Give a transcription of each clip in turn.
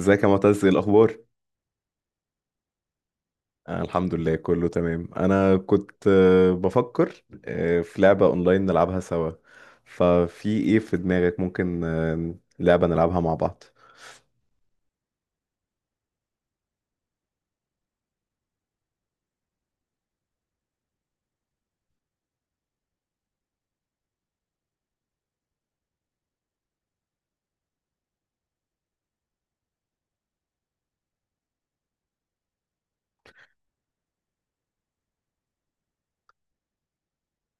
ازيك يا معتز؟ ايه الاخبار؟ آه، الحمد لله كله تمام. انا كنت بفكر في لعبة اونلاين نلعبها سوا. ففي ايه في دماغك؟ ممكن لعبة نلعبها مع بعض؟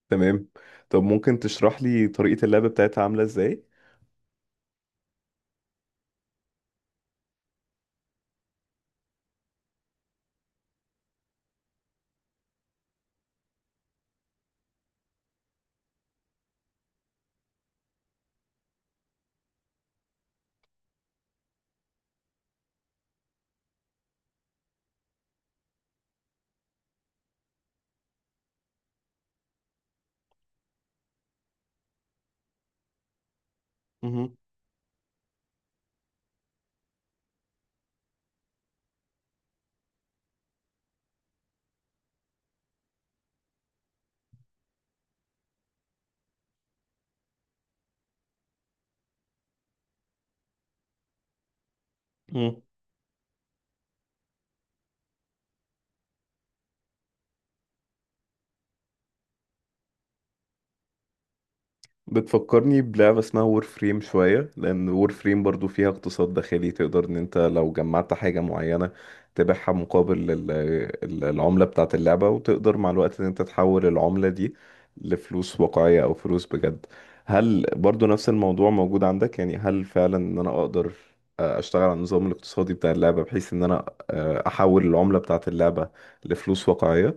تمام. طب ممكن تشرح لي طريقة اللعبة بتاعتها عاملة ازاي؟ مهم. بتفكرني بلعبة اسمها وور فريم شوية، لأن وور فريم برضو فيها اقتصاد داخلي، تقدر إن أنت لو جمعت حاجة معينة تبيعها مقابل العملة بتاعة اللعبة، وتقدر مع الوقت إن أنت تحول العملة دي لفلوس واقعية أو فلوس بجد. هل برضو نفس الموضوع موجود عندك؟ يعني هل فعلا إن أنا أقدر أشتغل على النظام الاقتصادي بتاع اللعبة بحيث إن أنا أحول العملة بتاعة اللعبة لفلوس واقعية؟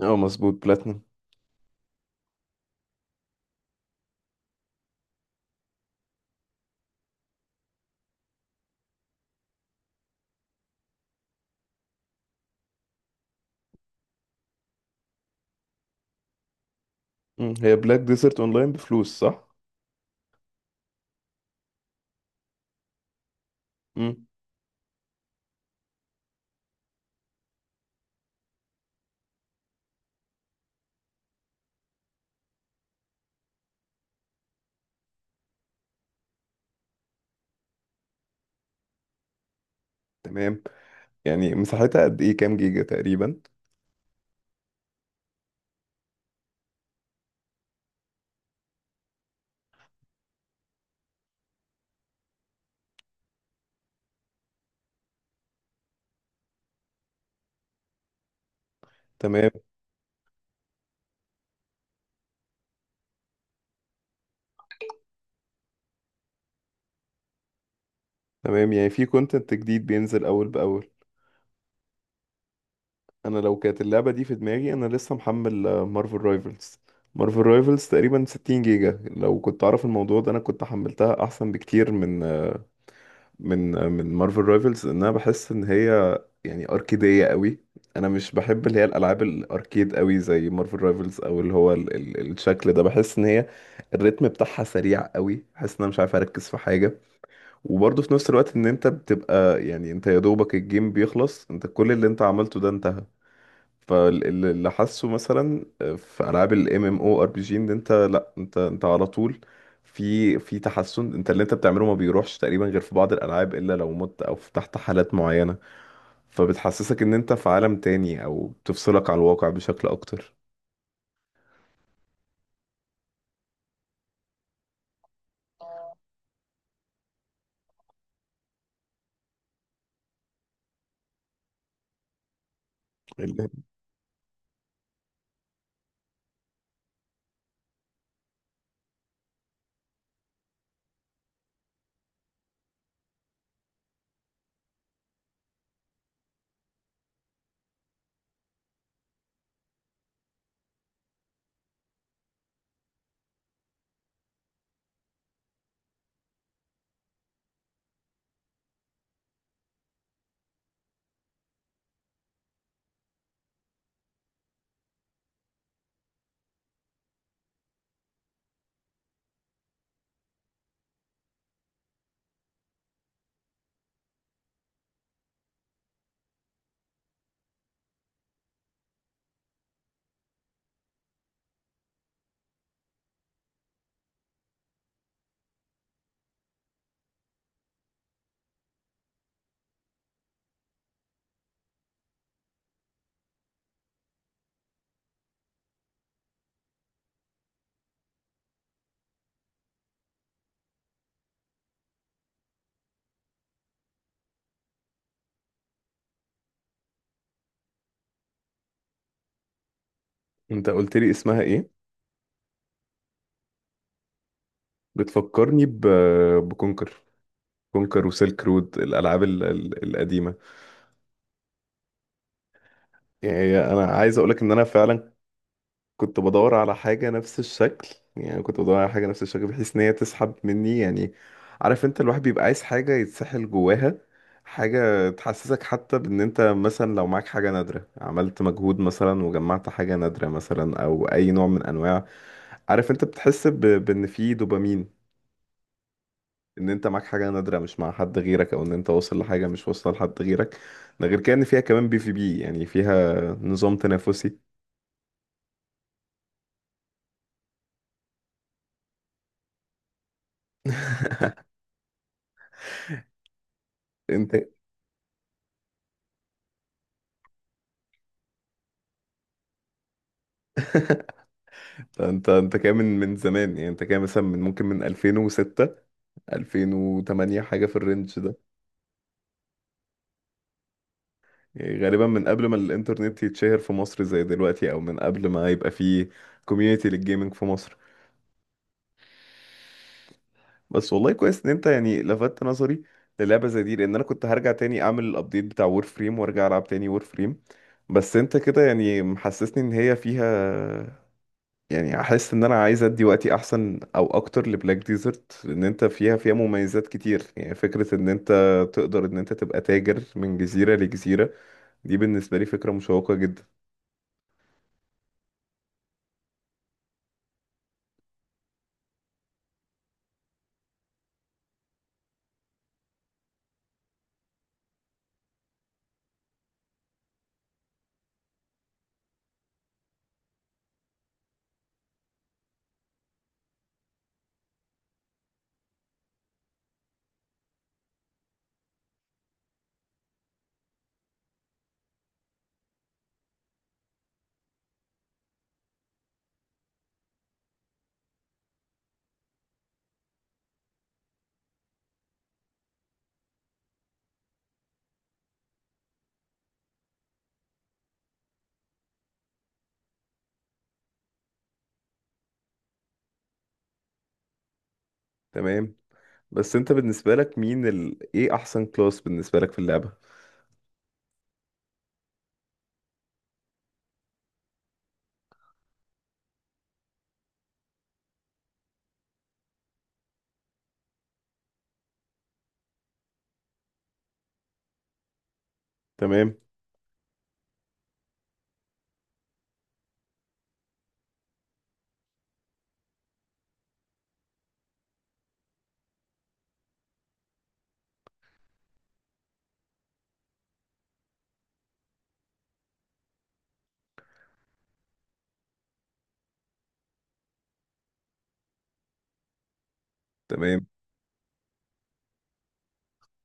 اه، مظبوط، بلاتنم. هي بلاك ديزرت اونلاين بفلوس صح؟ مم. تمام، يعني مساحتها قد ايه؟ كام جيجا تقريبا؟ تمام، تمام. يعني في كونتنت جديد بينزل اول باول. انا لو كانت اللعبه دي في دماغي، انا لسه محمل مارفل رايفلز. مارفل رايفلز تقريبا 60 جيجا. لو كنت اعرف الموضوع ده انا كنت حملتها احسن بكتير من من مارفل رايفلز. ان انا بحس ان هي يعني اركيديه قوي. انا مش بحب اللي هي الالعاب الاركيد قوي زي مارفل رايفلز، او اللي هو ال الشكل ده. بحس ان هي الريتم بتاعها سريع قوي، بحس ان انا مش عارف اركز في حاجه. وبرضه في نفس الوقت ان انت بتبقى يعني انت يا دوبك الجيم بيخلص، انت كل اللي انت عملته ده انتهى. فاللي حاسه مثلا في العاب الام ام او ار بي جي، ان انت، لا، انت على طول في تحسن. انت اللي انت بتعمله ما بيروحش تقريبا، غير في بعض الالعاب الا لو مت او فتحت حالات معينة. فبتحسسك ان انت في عالم تاني او بتفصلك عن الواقع بشكل اكتر. ال- انت قلت لي اسمها ايه؟ بتفكرني بكونكر. كونكر وسيلك رود، الالعاب القديمة. يعني انا عايز اقولك ان انا فعلا كنت بدور على حاجه نفس الشكل. يعني كنت بدور على حاجه نفس الشكل بحيث ان هي تسحب مني. يعني عارف انت، الواحد بيبقى عايز حاجه يتسحل جواها، حاجه تحسسك حتى بان انت مثلا لو معاك حاجه نادره، عملت مجهود مثلا وجمعت حاجه نادره مثلا او اي نوع من انواع. عارف انت، بتحس بان في دوبامين، ان انت معاك حاجه نادره مش مع حد غيرك، او ان انت واصل لحاجه مش واصله لحد غيرك. ده غير كده ان فيها كمان بي في بي، يعني فيها نظام تنافسي. انت انت كام من زمان؟ يعني انت كام مثلا، من ممكن من 2006، 2008، حاجه في الرينج ده؟ يعني غالبا من قبل ما الانترنت يتشهر في مصر زي دلوقتي، او من قبل ما يبقى فيه كوميونتي للجيمنج في مصر. بس والله كويس ان انت يعني لفتت نظري للعبه زي دي، لان انا كنت هرجع تاني اعمل الابديت بتاع وور فريم وارجع العب تاني وور فريم. بس انت كده يعني محسسني ان هي فيها، يعني احس ان انا عايز ادي وقتي احسن او اكتر لبلاك ديزرت، لان انت فيها مميزات كتير. يعني فكرة ان انت تقدر ان انت تبقى تاجر من جزيرة لجزيرة، دي بالنسبة لي فكرة مشوقة جدا. تمام. بس انت بالنسبة لك، مين ايه احسن كلاس بالنسبة لك في اللعبة؟ تمام، تمام.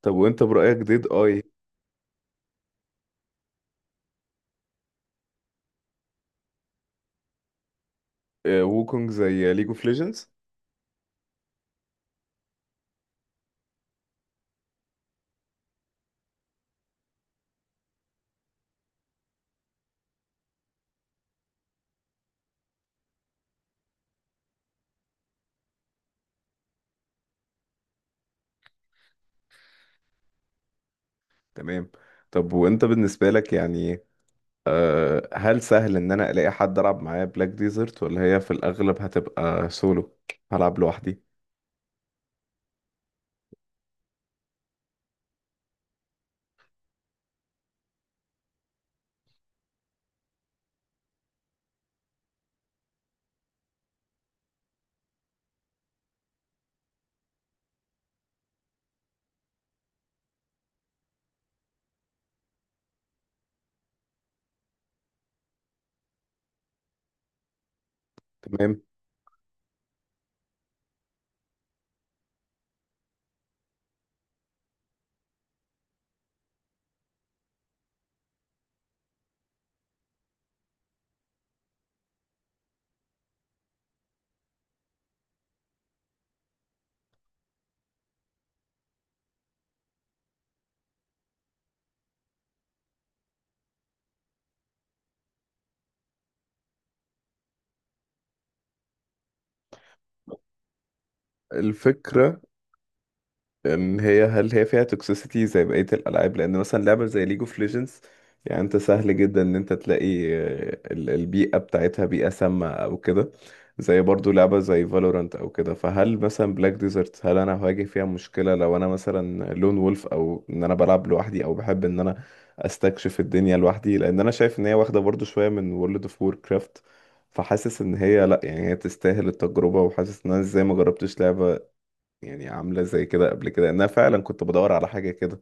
طب وانت برأيك ديد اي؟ ووكونج زي ليج اوف ليجندز؟ تمام. طب وانت بالنسبة لك يعني، هل سهل ان انا الاقي حد العب معاه بلاك ديزرت، ولا هي في الاغلب هتبقى سولو هلعب لوحدي؟ تمام، الفكرة. أم هي هل هي فيها توكسيسيتي زي بقية الألعاب، لأن مثلا لعبة زي ليج اوف ليجندز، يعني أنت سهل جدا إن أنت تلاقي البيئة بتاعتها بيئة سامة أو كده، زي برضو لعبة زي فالورانت أو كده. فهل مثلا بلاك ديزرت، هل أنا هواجه فيها مشكلة لو أنا مثلا لون وولف، أو إن أنا بلعب لوحدي، أو بحب إن أنا أستكشف الدنيا لوحدي؟ لأن أنا شايف إن هي واخدة برضو شوية من وورلد اوف وور كرافت، فحاسس إن هي لأ، يعني هي تستاهل التجربة. وحاسس إن أنا إزاي ما جربتش لعبة يعني عاملة زي كده قبل كده. انا فعلا كنت بدور على حاجة كده.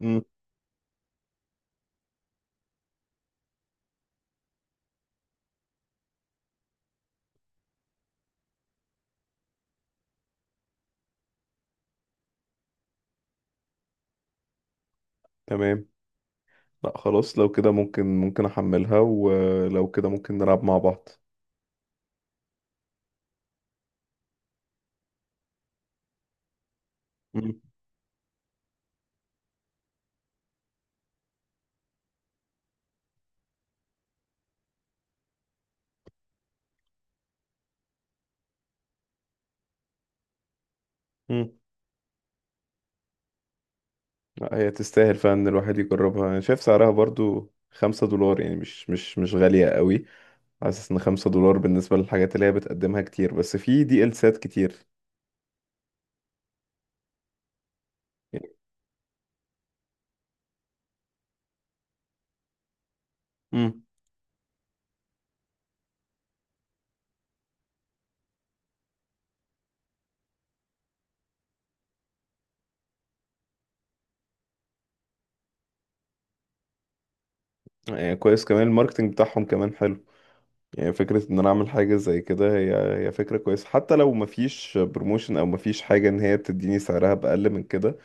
امم. تمام. لا خلاص، لو كده ممكن احملها، ولو كده ممكن نلعب مع بعض. امم، امم. لا، هي تستاهل فعلا ان الواحد يجربها، انا شايف سعرها برضو 5 دولار، يعني مش غالية قوي. حاسس ان 5 دولار بالنسبة للحاجات اللي هي بتقدمها كتير، بس في دي ال سات كتير يعني. امم. يعني كويس، كمان الماركتنج بتاعهم كمان حلو. يعني فكرة ان انا اعمل حاجة زي كده، هي فكرة كويسة، حتى لو مفيش بروموشن او مفيش حاجة ان هي تديني سعرها بأقل من كده.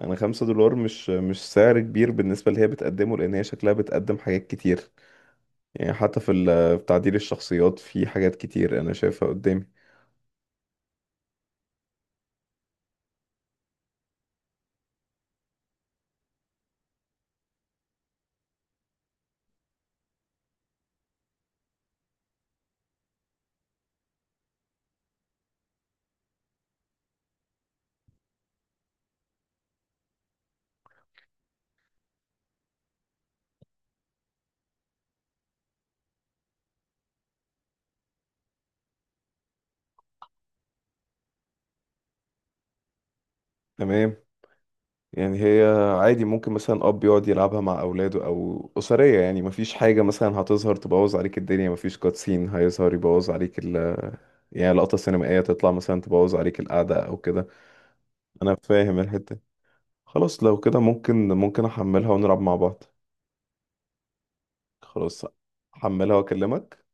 انا 5 دولار مش سعر كبير بالنسبة اللي هي بتقدمه، لان هي شكلها بتقدم حاجات كتير. يعني حتى في تعديل الشخصيات في حاجات كتير انا شايفها قدامي. تمام. يعني هي عادي ممكن مثلا اب يقعد يلعبها مع اولاده او اسرية. يعني مفيش حاجة مثلا هتظهر تبوظ عليك الدنيا، مفيش كاتسين هيظهر يبوظ عليك يعني لقطة سينمائية تطلع مثلا تبوظ عليك القعدة أو كده. انا فاهم الحتة دي. خلاص، لو كده ممكن احملها ونلعب مع بعض. خلاص، احملها واكلمك.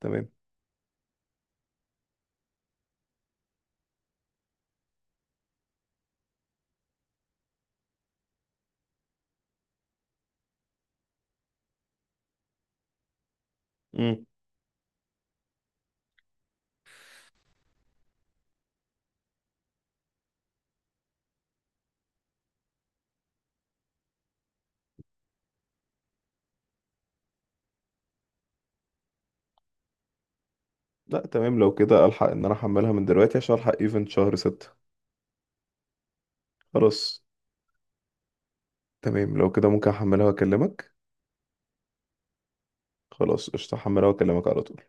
تمام. امم. لا، تمام، لو كده الحق ان انا احملها من دلوقتي عشان الحق ايفنت شهر 6. خلاص. تمام، لو كده ممكن احملها واكلمك. خلاص، قشطة، احملها واكلمك على طول.